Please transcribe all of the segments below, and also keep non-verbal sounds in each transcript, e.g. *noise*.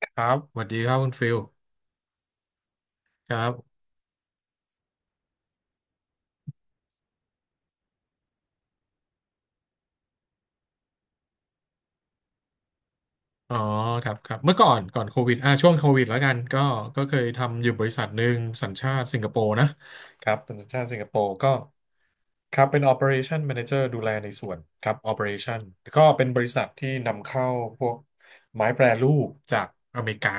ครับสวัสดีครับคุณฟิล ครับ อ๋อ ครับ ครับ เมื่อก่อนโควิดช่วงโควิดแล้วกัน ก็เคยทำอยู่บริษัทหนึ่งสัญชาติสิงคโปร์นะ ครับเป็นสัญชาติสิงคโปร์ก็ ครับเป็น Operation Manager ดูแลในส่วนครับ Operation ก็เป็นบริษัทที่นำเข้าพวกไม้แปรรูปจากอเมริกา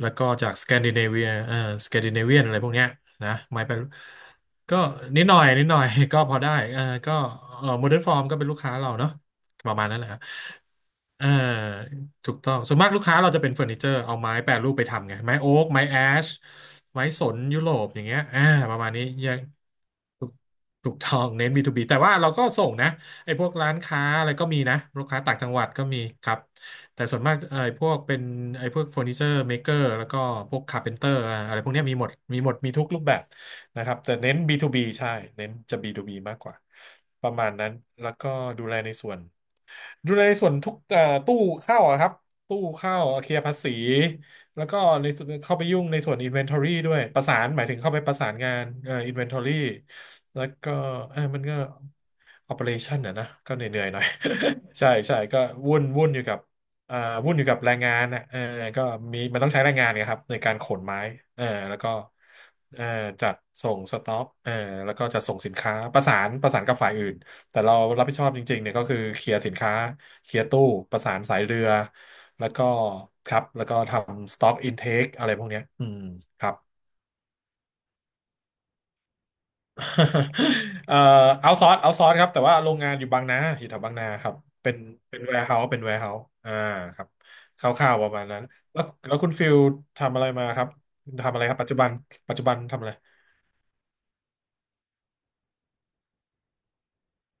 แล้วก็จากสแกนดิเนเวียสแกนดิเนเวียนอะไรพวกเนี้ยนะไม้แปรรูปก็นิดหน่อยนิดหน่อย *laughs* ก็พอได้เออก็เออโมเดิร์นฟอร์มก็เป็นลูกค้าเราเนาะประมาณนั้นแหละครับเออถูกต้องส่วนมากลูกค้าเราจะเป็นเฟอร์นิเจอร์เอาไม้แปรรูปไปทำไงไม้โอ๊กไม้แอชไม้สนยุโรปอย่างเงี้ยประมาณนี้ ถูกถูกต้องเน้น B2B แต่ว่าเราก็ส่งนะไอ้พวกร้านค้าอะไรก็มีนะลูกค้าต่างจังหวัดก็มีครับแต่ส่วนมากไอ้พวกเป็นไอ้พวกเฟอร์นิเจอร์เมเกอร์แล้วก็พวกคาร์เพนเตอร์อะไรพวกเนี้ยมีหมดมีหมดมีทุกรูปแบบนะครับแต่เน้น B2B ใช่เน้นจะ B2B มากกว่าประมาณนั้นแล้วก็ดูแลในส่วน ดูในส่วนทุกตู้เข้าอะครับตู้เข้าเคลียร์ภาษีแล้วก็ในส่วนเข้าไปยุ่งในส่วน Inventory ด้วยประสานหมายถึงเข้าไปประสานงานInventory แล้วก็เออมันก็ Operation นะก็เหนื่อยๆหน่อย *laughs* ใช่ใช่ก็วุ่นอยู่กับเอ่อวุ่นอยู่กับแรงงานนะเออก็มีมันต้องใช้แรงงานนะครับในการขนไม้เออแล้วก็เออจัดส่งสต็อกเออแล้วก็จัดส่งสินค้าประสานกับฝ่ายอื่น แต่เรารับผิดชอบจริงๆเนี่ยก็คือเคลียร์สินค้าเคลียร์ตู้ประสานสายเรือแล้วก็ครับแล้วก็ทำ stock intake อะไรพวกเนี้ยอืมครับ *laughs* เอ่อเอาซอร์สครับแต่ว่าโรงงานอยู่บางนาอยู่แถวบางนาครับเป็นเป็นแวร์เฮาส์เป็นแวร์เฮาส์อ่าครับคร่าวๆประมาณนั้นแล้วคุณฟิลทำอะไรมาครับทำอะไรครับปัจจุบันปัจจุบันทำอะไร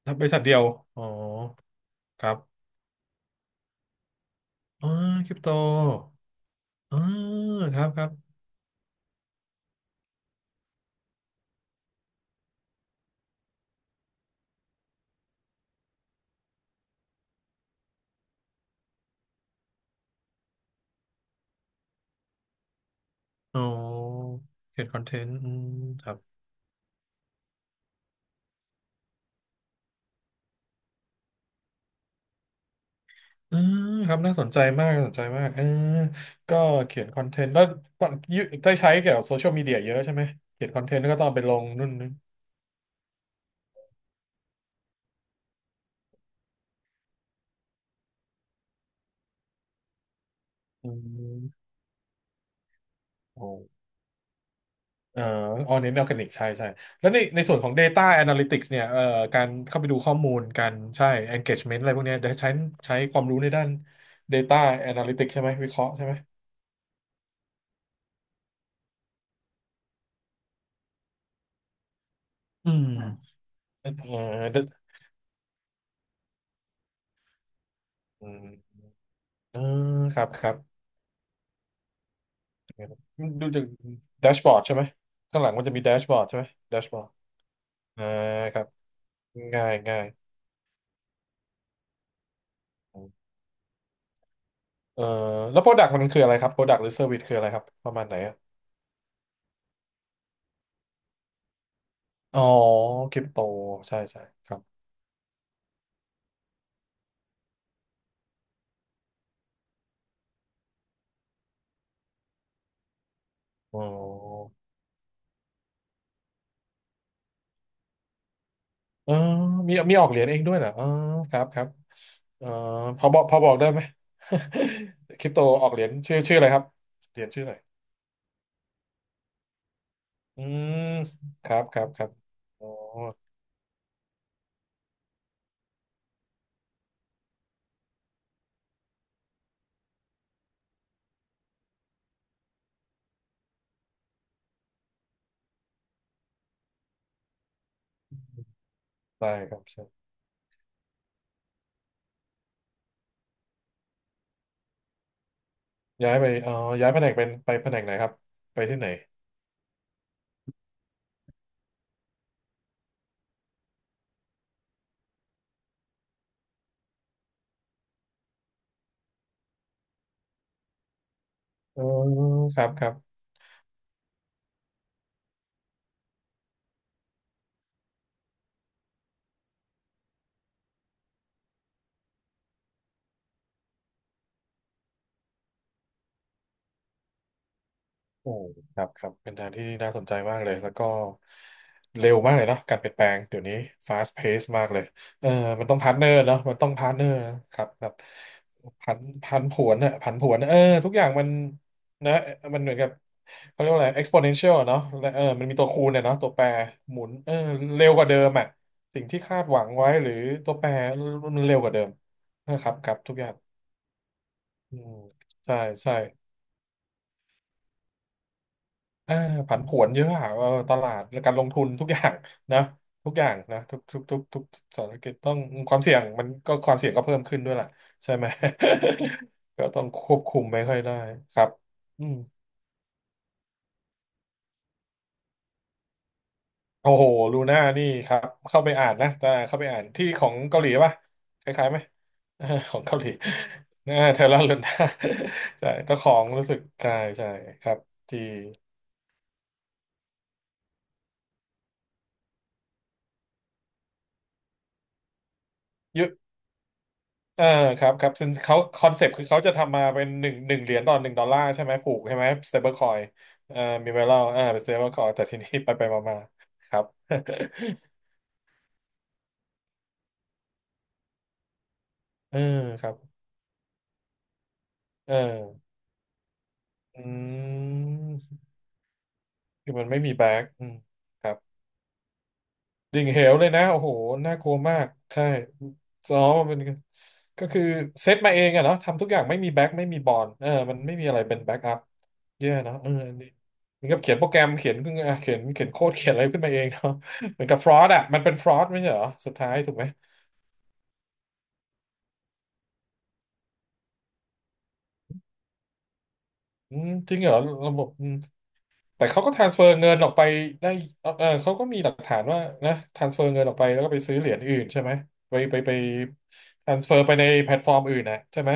ทำบริษัทเดียวอ๋อครับอ๋อคริปโตอ๋อครับครับ อ๋อเขียนคอนเทนต์อืมครับอืมครับน่าสนใจมากน่าสนใจมากเออก็เขียนคอนเทนต์แล้วก่อนยุได้ใช้เกี่ยวกับโซเชียลมีเดียเยอะแล้วใช่ไหมเขียนคอนเทนต์แล้วก็ต้องเอาไปลงนู่นนี่อืมโอ้เอ่อออเน้นออร์แกนิกใช่ใช่แล้วในส่วนของ Data Analytics เนี่ยการเข้าไปดูข้อมูลการใช่ engagement อะไรพวกเนี้ยเดี๋ยวใช้ใช้ความรู้ในด้าน Data Analytics ใช่ไหมวิเคราะห์ใช่ไหมอืมเอ่ออืมเออครับครับ ดูจากแดชบอร์ดใช่ไหมข้างหลังมันจะมีแดชบอร์ดใช่ไหมแดชบอร์ดอ่าครับง่ายง่ายเอ่อแล้วโปรดักต์มันคืออะไรครับโปรดักต์หรือเซอร์วิสคืออะไรครับประมาณไหนอะอ๋อคริปโตใช่ใช่ครับอ๋อเออมีมีออกเหรียญเองด้วยเหรออ๋อครับครับเออพอบอกได้ไหม *laughs* คริปโต *laughs* ออกเหรียญชื่ออะไรครับเหรียญชื่ออะไรอืมครับครับครับอ๋อได้ครับ ย้ายไปเอ๋อย้ายแผนกเป็นไปแผนกไหนครับ ไปที่ไหนอ๋อครับ ครับ โอ้ครับครับเป็นทางที่น่าสนใจมากเลย แล้วก็เร็วมากเลยเนาะการเปลี่ยนแปลงเดี๋ยวนี้ fast pace มากเลยเออมันต้องพาร์ทเนอร์เนาะมันต้องพาร์ทเนอร์ครับครับพันพันผวนอะผันผวนเออทุกอย่างมันนะมันเหมือนกับเขาเรียกว่าอะไร exponential อะเนาะและเออมันมีตัวคูณเนี่ยเนาะตัวแปรหมุนเออเร็วกว่าเดิมอะสิ่งที่คาดหวังไว้หรือตัวแปรมันเร็วกว่าเดิมนะครับครับทุกอย่างอืมใช่ใช่ อ่าผันผวนเยอะอะเออตลาดและการลงทุนทุกอย่างนะ *laughs* ทุกอย่างนะทุกทุกทุกทุกธุรกิจต้องความเสี่ยงก็เพิ่มขึ้นด้วยล่ะใช่ไหม *laughs* ก็ต้องควบคุมไม่ค่อยได้ครับอืมโอ้โหลูน่านี่ครับเข้าไปอ่านนะแต่เข้าไปอ่านที่ของเกาหลีป่ะคล้ายๆไหมเออ *laughs* ของเกาหลี *laughs* เออเทเลอร์ลูน่า *laughs* ใช่เจ้าของรู้สึกใช่ใช่ครับที่ อ่าครับครับซึ่งเขาคอนเซปต์คือเขาจะทำมาเป็นหนึ่งเหรียญต่อหนึ่งดอลลาร์ใช่ไหมผูกใช่ไหมสเตเบิลคอยเอ่อมีไวรเลอ่าเป็นสเตเบิลคอยแต่ทีนี้ *laughs* ไปมาๆครับ *laughs* เออครับเอออืมคือมันไม่มีแบ็กอืมครับ ดิ่งเหวเลยนะโอ้โหน่ากลัวมากใช่ซ้อมมันเป็นก็คือเซตมาเองอะเนาะทำทุกอย่างไม่มีแบ็กไม่มีบอลเออมันไม่มีอะไรเป็นแบ็กอัพแย่เนาะเอออันนี่เหมือนกับเขียนโปรแกรมเขียนขึ้นอ่ะเขียนโค้ดเขียนอะไรขึ้นมาเองเนาะเหมือนกับฟรอดอะมันเป็นฟรอดไม่ใช่เหรอสุดท้ายถูกไหมอืมจริงเหรอระบบ แต่เขาก็ transfer เงินออกไปได้เออเออเขาก็มีหลักฐานว่านะ transfer เงินออกไปแล้วก็ไปซื้อเหรียญอื่นใช่ไหมไป transfer ไปในแพลตฟอร์มอื่นนะใช่ไหม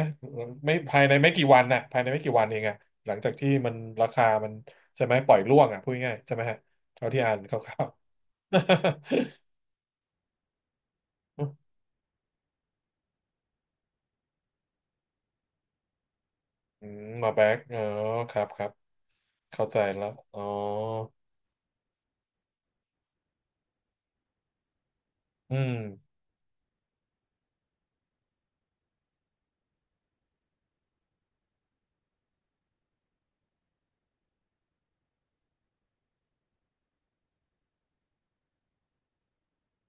ไม่ภายในไม่กี่วันนะภายในไม่กี่วันเองอะหลังจากที่มันราคามันใช่ไหมปล่อยร่วงอะพูดง่ายๆใช่ไหมฮะเท่าที่อ่านคร่าวๆ *laughs* าแบ็กเออครับครับเข้าใจแล้วอ๋ออืม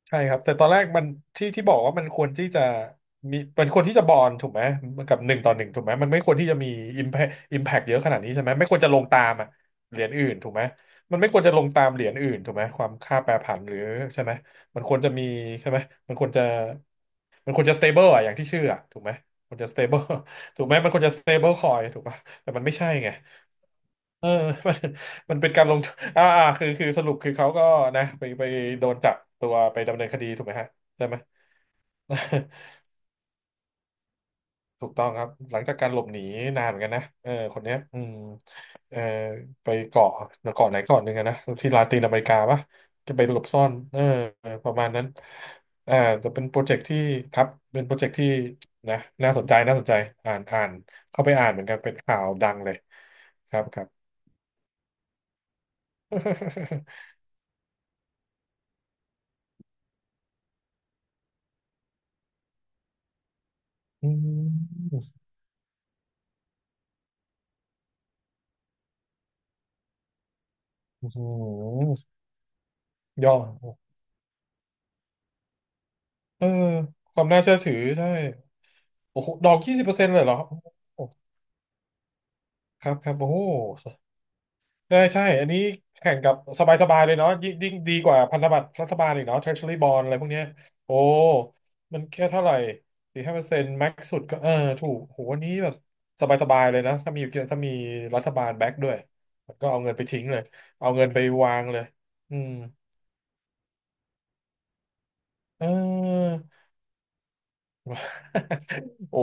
ใช่ครับแต่ตอนแรกมันที่บอกว่ามันควรที่จะมีมันควรที่จะบอนถูกไหมกับหนึ่งต่อหนึ่งถูกไหมมันไม่ควรที่จะมีอิมแพอิมแพกเยอะขนาดนี้ใช่ไหมไม่ควรจะลงตามอะเหรียญอื่นถูกไหมมันไม่ควรจะลงตามเหรียญอื่นถูกไหมความค่าแปรผันหรือใช่ไหมมันควรจะมีใช่ไหมมันควรจะมันควรจะ stable อะอย่างที่ชื่ออะถูกไหมควรจะ stable ถูกไหมมันควรจะ stable coin ถูกปะแต่มันไม่ใช่ไง เออ *laughs* มันมันเป็นการลงทุนอ่าอ่าคือสรุปคือเขาก็นะไปโดนจับตัวไปดำเนินคดีถูกไหมฮะใช่ไหม *laughs* ถูกต้องครับหลังจากการหลบหนีนานเหมือนกันนะเออคนเนี้ยอืมเออไปเกาะเกาะไหนเกาะหนึ่งอะนะที่ลาตินอเมริกาปะจะไปหลบซ่อนเออประมาณนั้นอ่าแต่เป็นโปรเจกต์ที่ครับเป็นโปรเจกต์ที่นะน่าสนใจน่าสนใจอ่านเข้าไปอ่านเหมือนกันเป็นข่าวดังเลยครับครับ *laughs* อืมโอ้โหยอมเออความน่าเชื่อถือใช่โอ้โหดอก20%เลยเหรอโอ้โหครับครับโอ้โหได้ใช่อันนี้แข่งกับสบายๆเลยเนาะยิ่งยิ่งดีกว่าพันธบัตรรัฐบาลอีกเนาะ Treasury Bond อะไรพวกเนี้ยโอ้มันแค่เท่าไหร่4-5%แม็กสุดก็เออถูกโหวันนี้แบบสบายๆเลยนะถ้ามีรัฐบาลแบ็กด้วยมันก็เอาเงินไปทิ้งเลยเอาเงินไปวางเลยอืมเออ *laughs* โอ้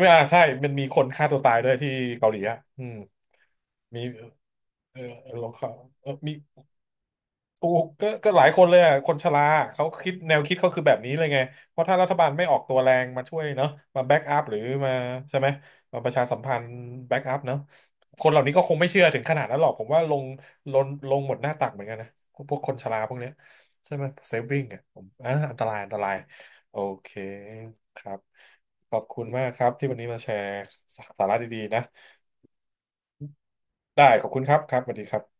ไม่อ่ะใช่มันมีคนฆ่าตัวตายด้วยที่เกาหลีอ่ะอืมมีเออลองเขาเออมี ถูกก็ก็หลายคนเลยอ่ะคนชราเขาคิดแนวคิดเขาคือแบบนี้เลยไงเพราะถ้ารัฐบาลไม่ออกตัวแรงมาช่วยเนาะมาแบ็กอัพหรือมาใช่ไหมมาประชาสัมพันธ์แบ็กอัพเนาะคนเหล่านี้ก็คงไม่เชื่อถึงขนาดนั้นหรอกผมว่าลงลงหมดหน้าตักเหมือนกันนะพวกคนชราพวกเนี้ยใช่ไหมเซฟวิ่งอ่ะผมอ่าอันตรายโอเคครับขอบคุณมากครับที่วันนี้มาแชร์สาระดีๆนะได้ขอบคุณครับครับสวัสดีครับ